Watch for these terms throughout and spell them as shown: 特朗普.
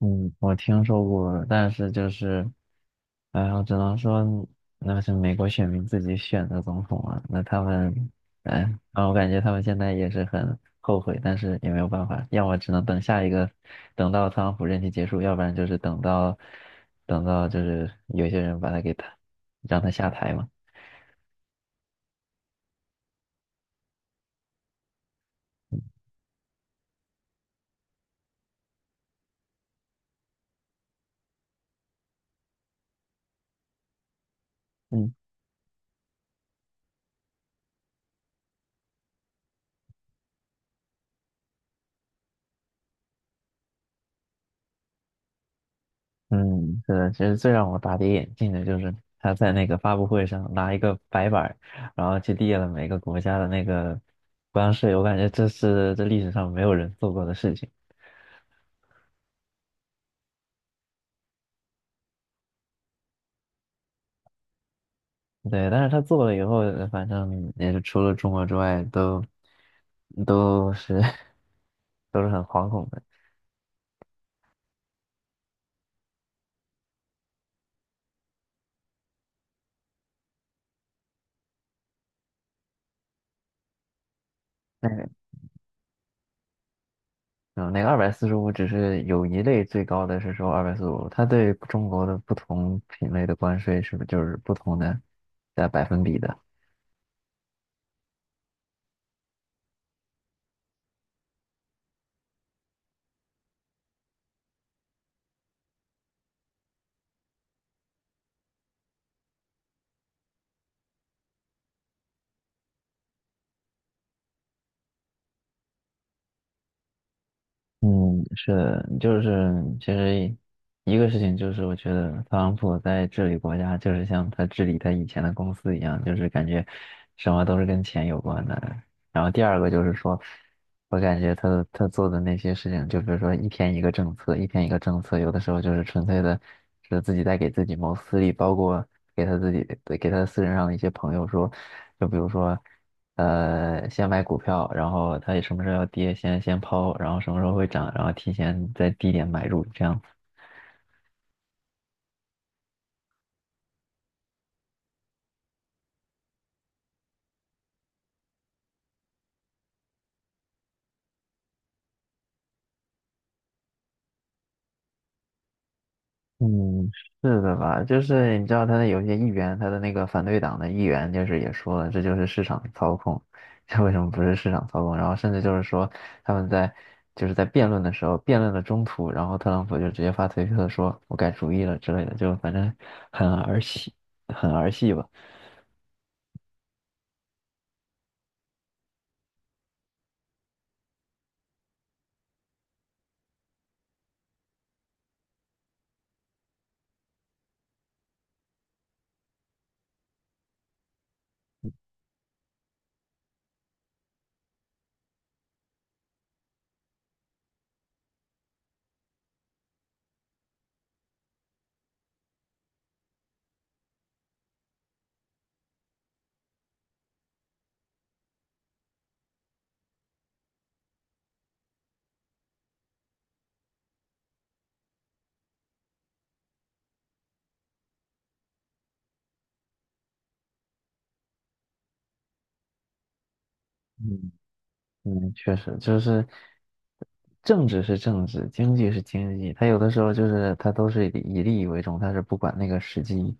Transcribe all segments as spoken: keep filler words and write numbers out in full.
嗯，我听说过，但是就是，哎呀，我只能说那是美国选民自己选的总统啊，那他们，哎，啊，我感觉他们现在也是很后悔，但是也没有办法，要么只能等下一个，等到特朗普任期结束，要不然就是等到，等到就是有些人把他给他，让他下台嘛。嗯。嗯，是的，其实最让我大跌眼镜的就是他在那个发布会上拿一个白板儿然后去列了每个国家的那个关税，我感觉这是这历史上没有人做过的事情。对，但是他做了以后，反正也是除了中国之外，都都是 都是很惶恐的。那个，嗯，那个二百四十五只是有一类最高的是说二百四十五，它对中国的不同品类的关税是不是就是不同的在百分比的？嗯，是的，就是其实一个事情就是，我觉得特朗普在治理国家，就是像他治理他以前的公司一样，就是感觉什么都是跟钱有关的。然后第二个就是说，我感觉他他做的那些事情，就比如说一天一个政策，一天一个政策，有的时候就是纯粹的是自己在给自己谋私利，包括给他自己给他私人上的一些朋友说，就比如说。呃，先买股票，然后它什么时候要跌先先抛，然后什么时候会涨，然后提前在低点买入，这样子。嗯，是的吧？就是你知道他的有些议员，他的那个反对党的议员，就是也说了，这就是市场操控，这为什么不是市场操控？然后甚至就是说他们在就是在辩论的时候，辩论的中途，然后特朗普就直接发推特说我改主意了之类的，就反正很儿戏，很儿戏吧。嗯。嗯，确实就是政治是政治，经济是经济，它有的时候就是它都是以利益为重，它是不管那个实际，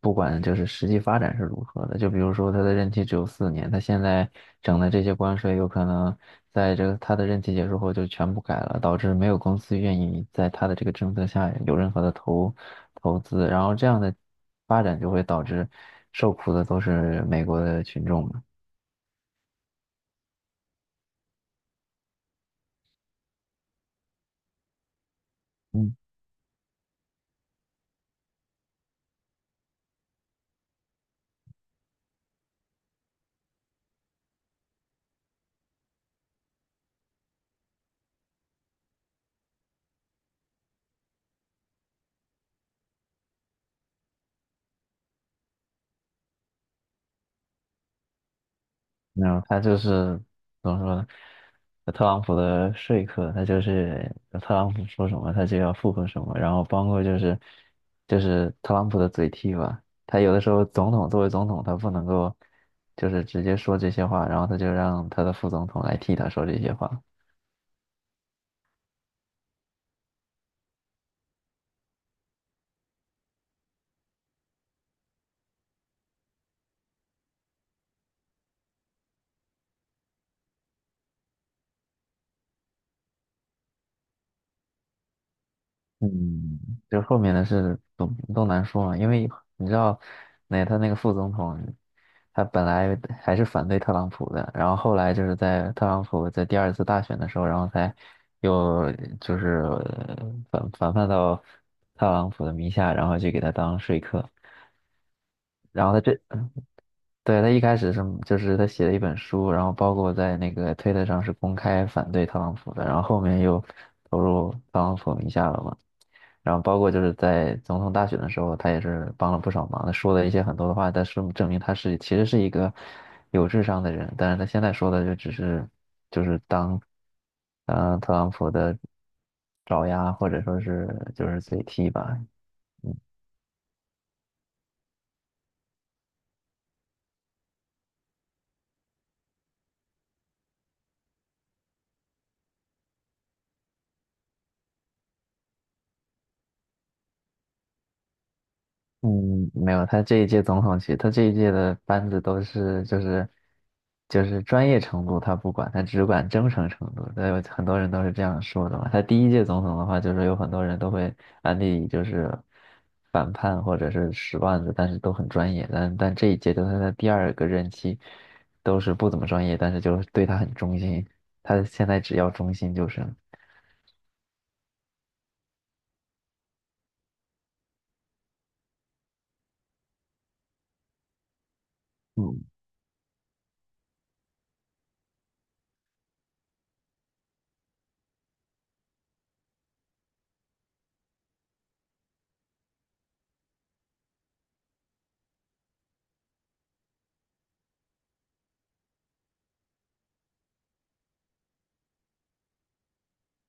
不管就是实际发展是如何的。就比如说他的任期只有四年，他现在整的这些关税有可能在这个他的任期结束后就全部改了，导致没有公司愿意在他的这个政策下有任何的投投资，然后这样的发展就会导致受苦的都是美国的群众嘛。嗯，没有，他就是怎么说呢？特朗普的说客，他就是特朗普说什么，他就要附和什么，然后包括就是就是特朗普的嘴替吧，他有的时候总统作为总统，他不能够就是直接说这些话，然后他就让他的副总统来替他说这些话。嗯，就后面的事都都难说嘛，因为你知道，那他那个副总统他本来还是反对特朗普的，然后后来就是在特朗普在第二次大选的时候，然后才又就是呃反反叛到特朗普的名下，然后去给他当说客。然后他这，对，他一开始是就是他写了一本书，然后包括在那个推特上是公开反对特朗普的，然后后面又投入特朗普名下了嘛。然后包括就是在总统大选的时候，他也是帮了不少忙，他说了一些很多的话，但是证明他是其实是一个有智商的人，但是他现在说的就只是就是当当特朗普的爪牙或者说是就是嘴替吧。嗯，没有，他这一届总统其实他这一届的班子都是就是就是专业程度他不管，他只管忠诚程度。对，有很多人都是这样说的嘛。他第一届总统的话，就是有很多人都会安利就是反叛或者是使绊子，但是都很专业。但但这一届就是他的第二个任期，都是不怎么专业，但是就是对他很忠心。他现在只要忠心就是了，嗯。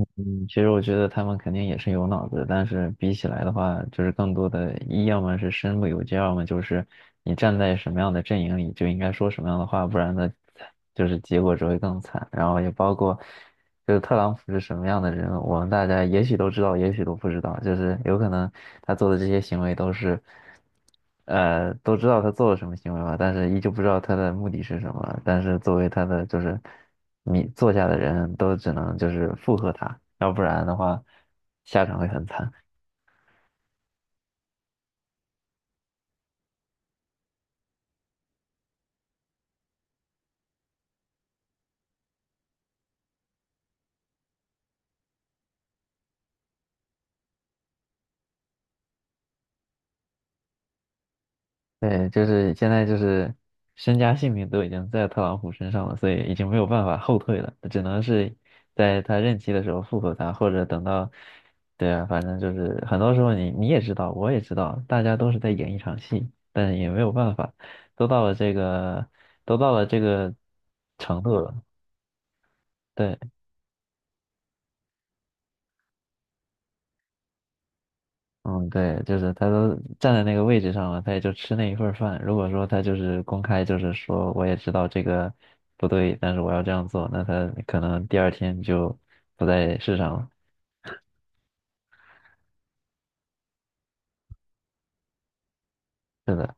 嗯，其实我觉得他们肯定也是有脑子的，但是比起来的话，就是更多的一要么是身不由己，要么就是你站在什么样的阵营里就应该说什么样的话，不然呢，就是结果只会更惨。然后也包括，就是特朗普是什么样的人，我们大家也许都知道，也许都不知道，就是有可能他做的这些行为都是。呃，都知道他做了什么行为吧，但是依旧不知道他的目的是什么。但是作为他的就是你坐下的人都只能就是附和他，要不然的话下场会很惨。对，就是现在就是身家性命都已经在特朗普身上了，所以已经没有办法后退了，只能是在他任期的时候复合他，或者等到，对啊，反正就是很多时候你你也知道，我也知道，大家都是在演一场戏，但是也没有办法，都到了这个都到了这个程度了，对。嗯，对，就是他都站在那个位置上了，他也就吃那一份儿饭。如果说他就是公开，就是说我也知道这个不对，但是我要这样做，那他可能第二天就不在世上了。是的，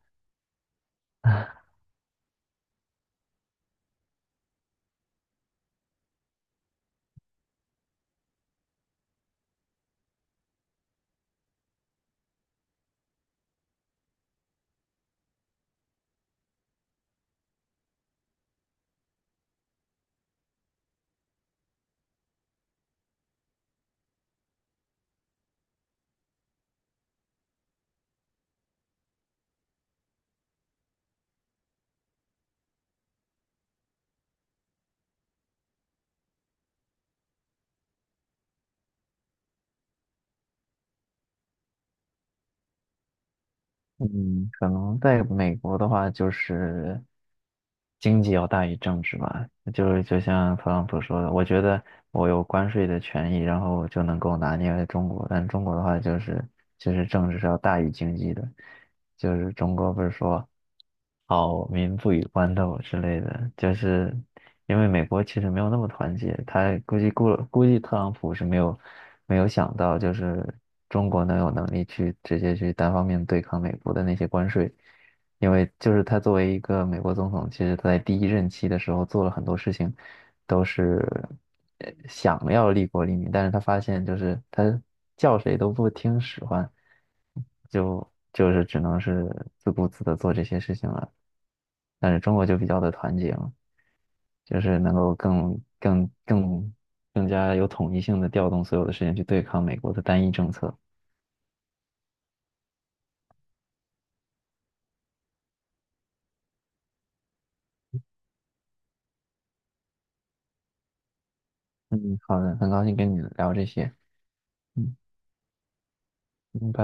嗯，可能在美国的话，就是经济要大于政治吧。就是就像特朗普说的，我觉得我有关税的权益，然后我就能够拿捏中国。但中国的话，就是就是政治是要大于经济的。就是中国不是说。好民不与官斗之类的，就是因为美国其实没有那么团结，他估计估估计特朗普是没有没有想到，就是中国能有能力去直接去单方面对抗美国的那些关税，因为就是他作为一个美国总统，其实他在第一任期的时候做了很多事情，都是呃想要利国利民，但是他发现就是他叫谁都不听使唤。就就是只能是自顾自的做这些事情了。但是中国就比较的团结嘛，就是能够更更更更加有统一性的调动所有的事情去对抗美国的单一政策。嗯，好的，很高兴跟你聊这些。嗯，嗯，拜拜。